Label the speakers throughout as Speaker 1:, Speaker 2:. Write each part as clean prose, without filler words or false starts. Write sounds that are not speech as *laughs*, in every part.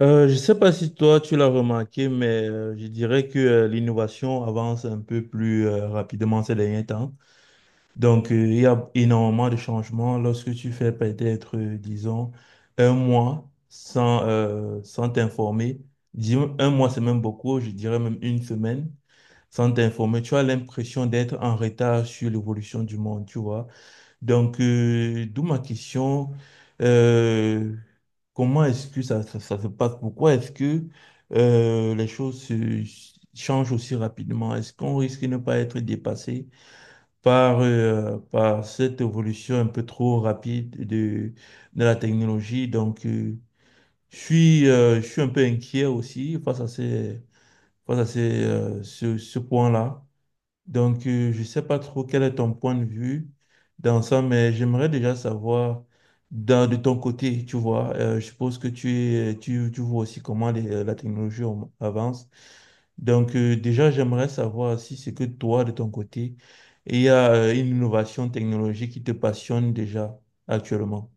Speaker 1: Je ne sais pas si toi tu l'as remarqué, mais je dirais que l'innovation avance un peu plus rapidement ces derniers temps. Donc, il y a énormément de changements lorsque tu fais peut-être, disons, un mois sans sans t'informer. Un mois, c'est même beaucoup, je dirais même une semaine sans t'informer. Tu as l'impression d'être en retard sur l'évolution du monde, tu vois. Donc, d'où ma question, euh, comment est-ce que ça se passe? Pourquoi est-ce que les choses changent aussi rapidement? Est-ce qu'on risque de ne pas être dépassé par, par cette évolution un peu trop rapide de la technologie? Donc, je suis un peu inquiet aussi face à ces, ce point-là. Donc, je ne sais pas trop quel est ton point de vue dans ça, mais j'aimerais déjà savoir de ton côté, tu vois, je suppose que tu, tu vois aussi comment la technologie avance. Donc, déjà, j'aimerais savoir si c'est que toi, de ton côté, il y a une innovation technologique qui te passionne déjà actuellement.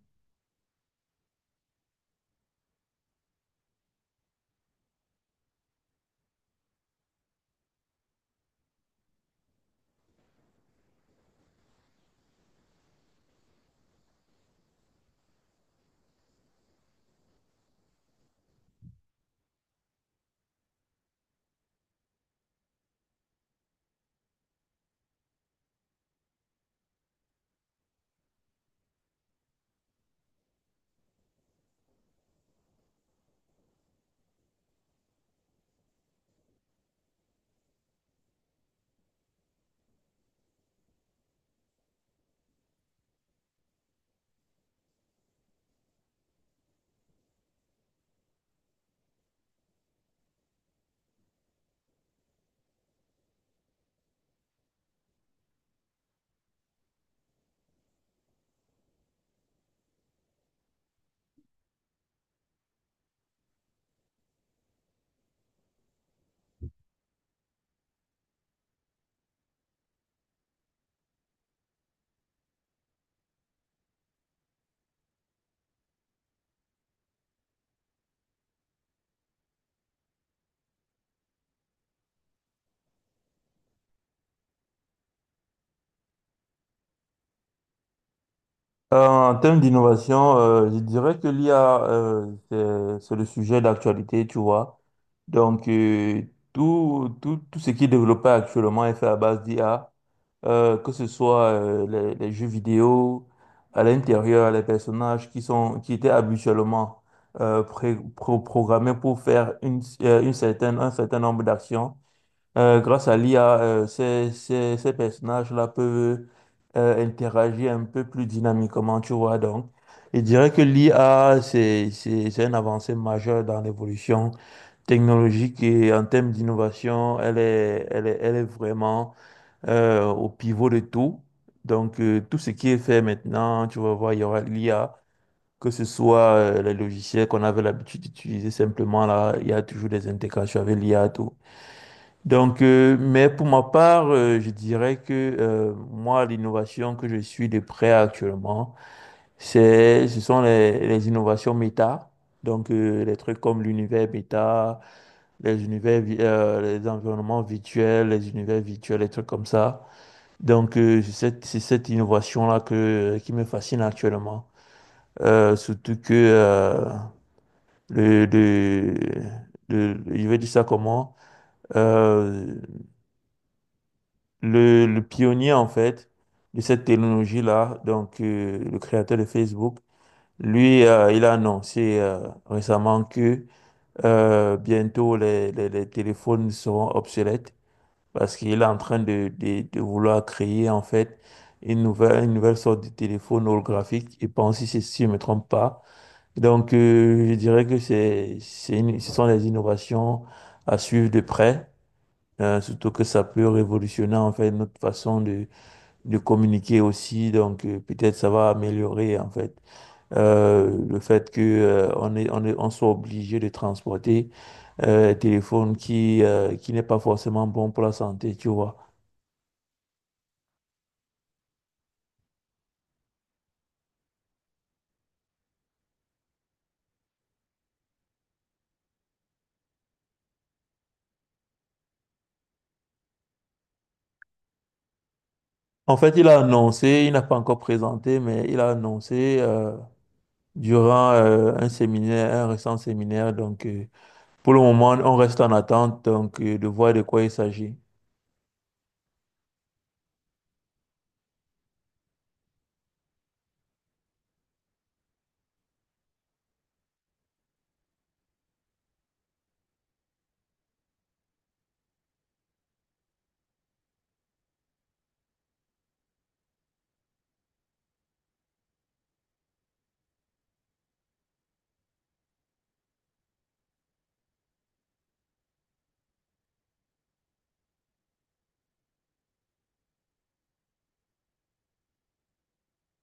Speaker 1: En termes d'innovation, je dirais que l'IA, c'est le sujet d'actualité, tu vois. Donc, tout ce qui est développé actuellement est fait à base d'IA, que ce soit les jeux vidéo, à l'intérieur, les personnages qui sont, qui étaient habituellement programmés pour faire une certaine, un certain nombre d'actions. Grâce à l'IA, euh, ces personnages-là peuvent interagir un peu plus dynamiquement, tu vois. Donc, je dirais que l'IA, c'est une avancée majeure dans l'évolution technologique et en termes d'innovation, elle est vraiment au pivot de tout. Donc, tout ce qui est fait maintenant, tu vas voir, il y aura l'IA, que ce soit les logiciels qu'on avait l'habitude d'utiliser simplement, là, il y a toujours des intégrations avec l'IA, tout. Donc, mais pour ma part, je dirais que moi, l'innovation que je suis de près actuellement, ce sont les innovations méta. Donc, les trucs comme l'univers méta, les univers, les environnements virtuels, les univers virtuels, les trucs comme ça. Donc, c'est cette innovation-là que, qui me fascine actuellement. Surtout que le, le, je vais dire ça comment? euh, le le pionnier en fait de cette technologie-là, donc le créateur de Facebook, lui, il a annoncé récemment que bientôt les téléphones seront obsolètes parce qu'il est en train de vouloir créer en fait une nouvelle sorte de téléphone holographique. Et pense si, si je ne me trompe pas. Donc, je dirais que ce sont des innovations à suivre de près. Surtout que ça peut révolutionner en fait notre façon de communiquer aussi, donc peut-être ça va améliorer en fait le fait que on soit obligé de transporter un téléphone qui qui n'est pas forcément bon pour la santé, tu vois. En fait, il a annoncé, il n'a pas encore présenté, mais il a annoncé durant un séminaire, un récent séminaire. Donc, pour le moment, on reste en attente donc de voir de quoi il s'agit.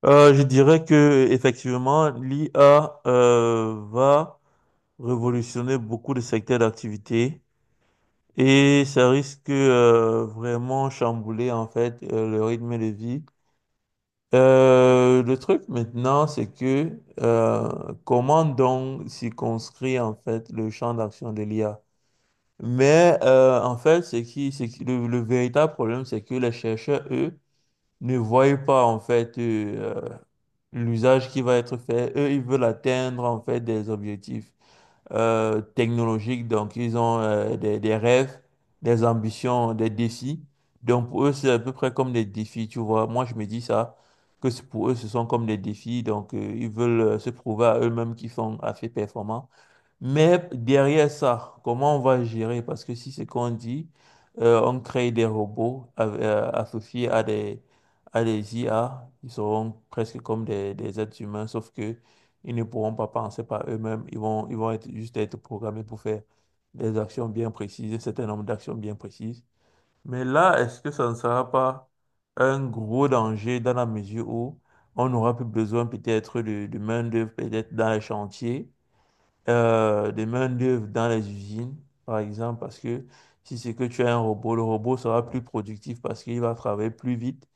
Speaker 1: Je dirais que effectivement, l'IA va révolutionner beaucoup de secteurs d'activité et ça risque vraiment chambouler en fait le rythme de vie. Le truc maintenant, c'est que comment donc circonscrire en fait le champ d'action de l'IA? Mais en fait, le véritable problème, c'est que les chercheurs, eux, ne voient pas en fait l'usage qui va être fait. Eux, ils veulent atteindre en fait des objectifs technologiques. Donc, ils ont des rêves, des ambitions, des défis. Donc, pour eux, c'est à peu près comme des défis, tu vois. Moi, je me dis ça, que pour eux, ce sont comme des défis. Donc, ils veulent se prouver à eux-mêmes qu'ils sont assez performants. Mais derrière ça, comment on va gérer? Parce que si c'est qu'on dit, on crée des robots associés à des IA, ils seront presque comme des êtres humains, sauf que ils ne pourront pas penser par eux-mêmes. Ils vont juste être programmés pour faire des actions bien précises, un certain nombre d'actions bien précises. Mais là, est-ce que ça ne sera pas un gros danger dans la mesure où on n'aura plus besoin peut-être de main-d'œuvre, peut-être dans les chantiers? De main-d'œuvre dans les usines, par exemple, parce que si c'est que tu as un robot, le robot sera plus productif parce qu'il va travailler plus vite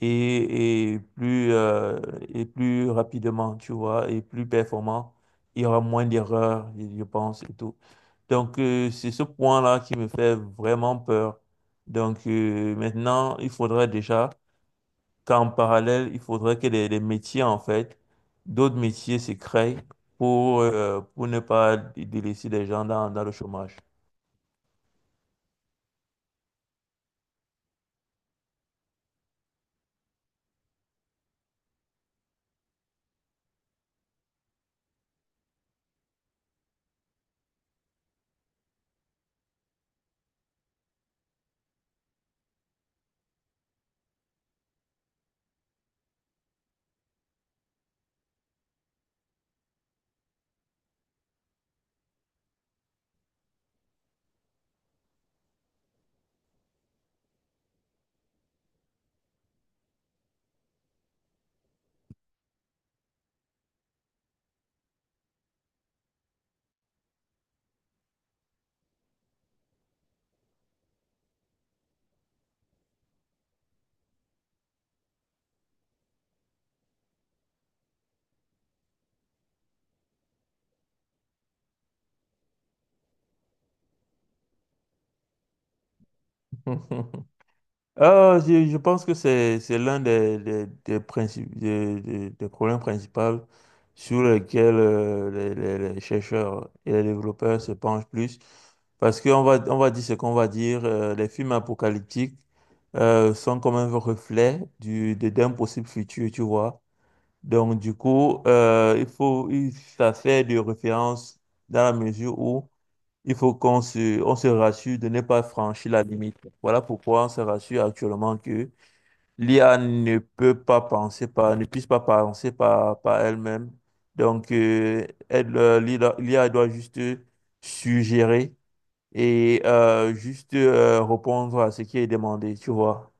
Speaker 1: et, et plus rapidement, tu vois, et plus performant. Il y aura moins d'erreurs, je pense, et tout. Donc, c'est ce point-là qui me fait vraiment peur. Donc, maintenant, il faudrait déjà qu'en parallèle, il faudrait que les métiers, en fait, d'autres métiers se créent pour ne pas délaisser des gens dans, dans le chômage. *laughs* Ah, je pense que c'est l'un des des problèmes principaux sur lesquels les chercheurs et les développeurs se penchent plus. Parce qu'on va, on va dire ce qu'on va dire, les films apocalyptiques sont comme un reflet d'un possible futur, tu vois. Donc, du coup, ça fait de référence dans la mesure où il faut qu'on on se rassure de ne pas franchir la limite. Voilà pourquoi on se rassure actuellement que l'IA ne peut pas penser par, ne puisse pas penser par, par elle-même. Donc, l'IA doit juste suggérer et juste répondre à ce qui est demandé, tu vois.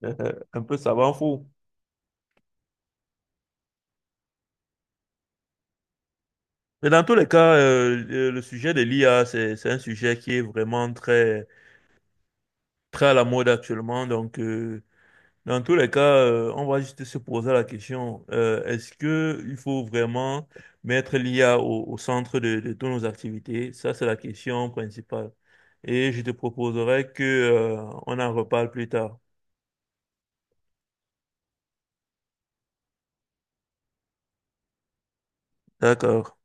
Speaker 1: *laughs* Un peu savant fou. Mais dans tous les cas, le sujet de l'IA, c'est un sujet qui est vraiment très, très à la mode actuellement. Donc, dans tous les cas, on va juste se poser la question, est-ce que il faut vraiment mettre l'IA au, au centre de toutes nos activités? Ça, c'est la question principale. Et je te proposerai que, on en reparle plus tard. D'accord.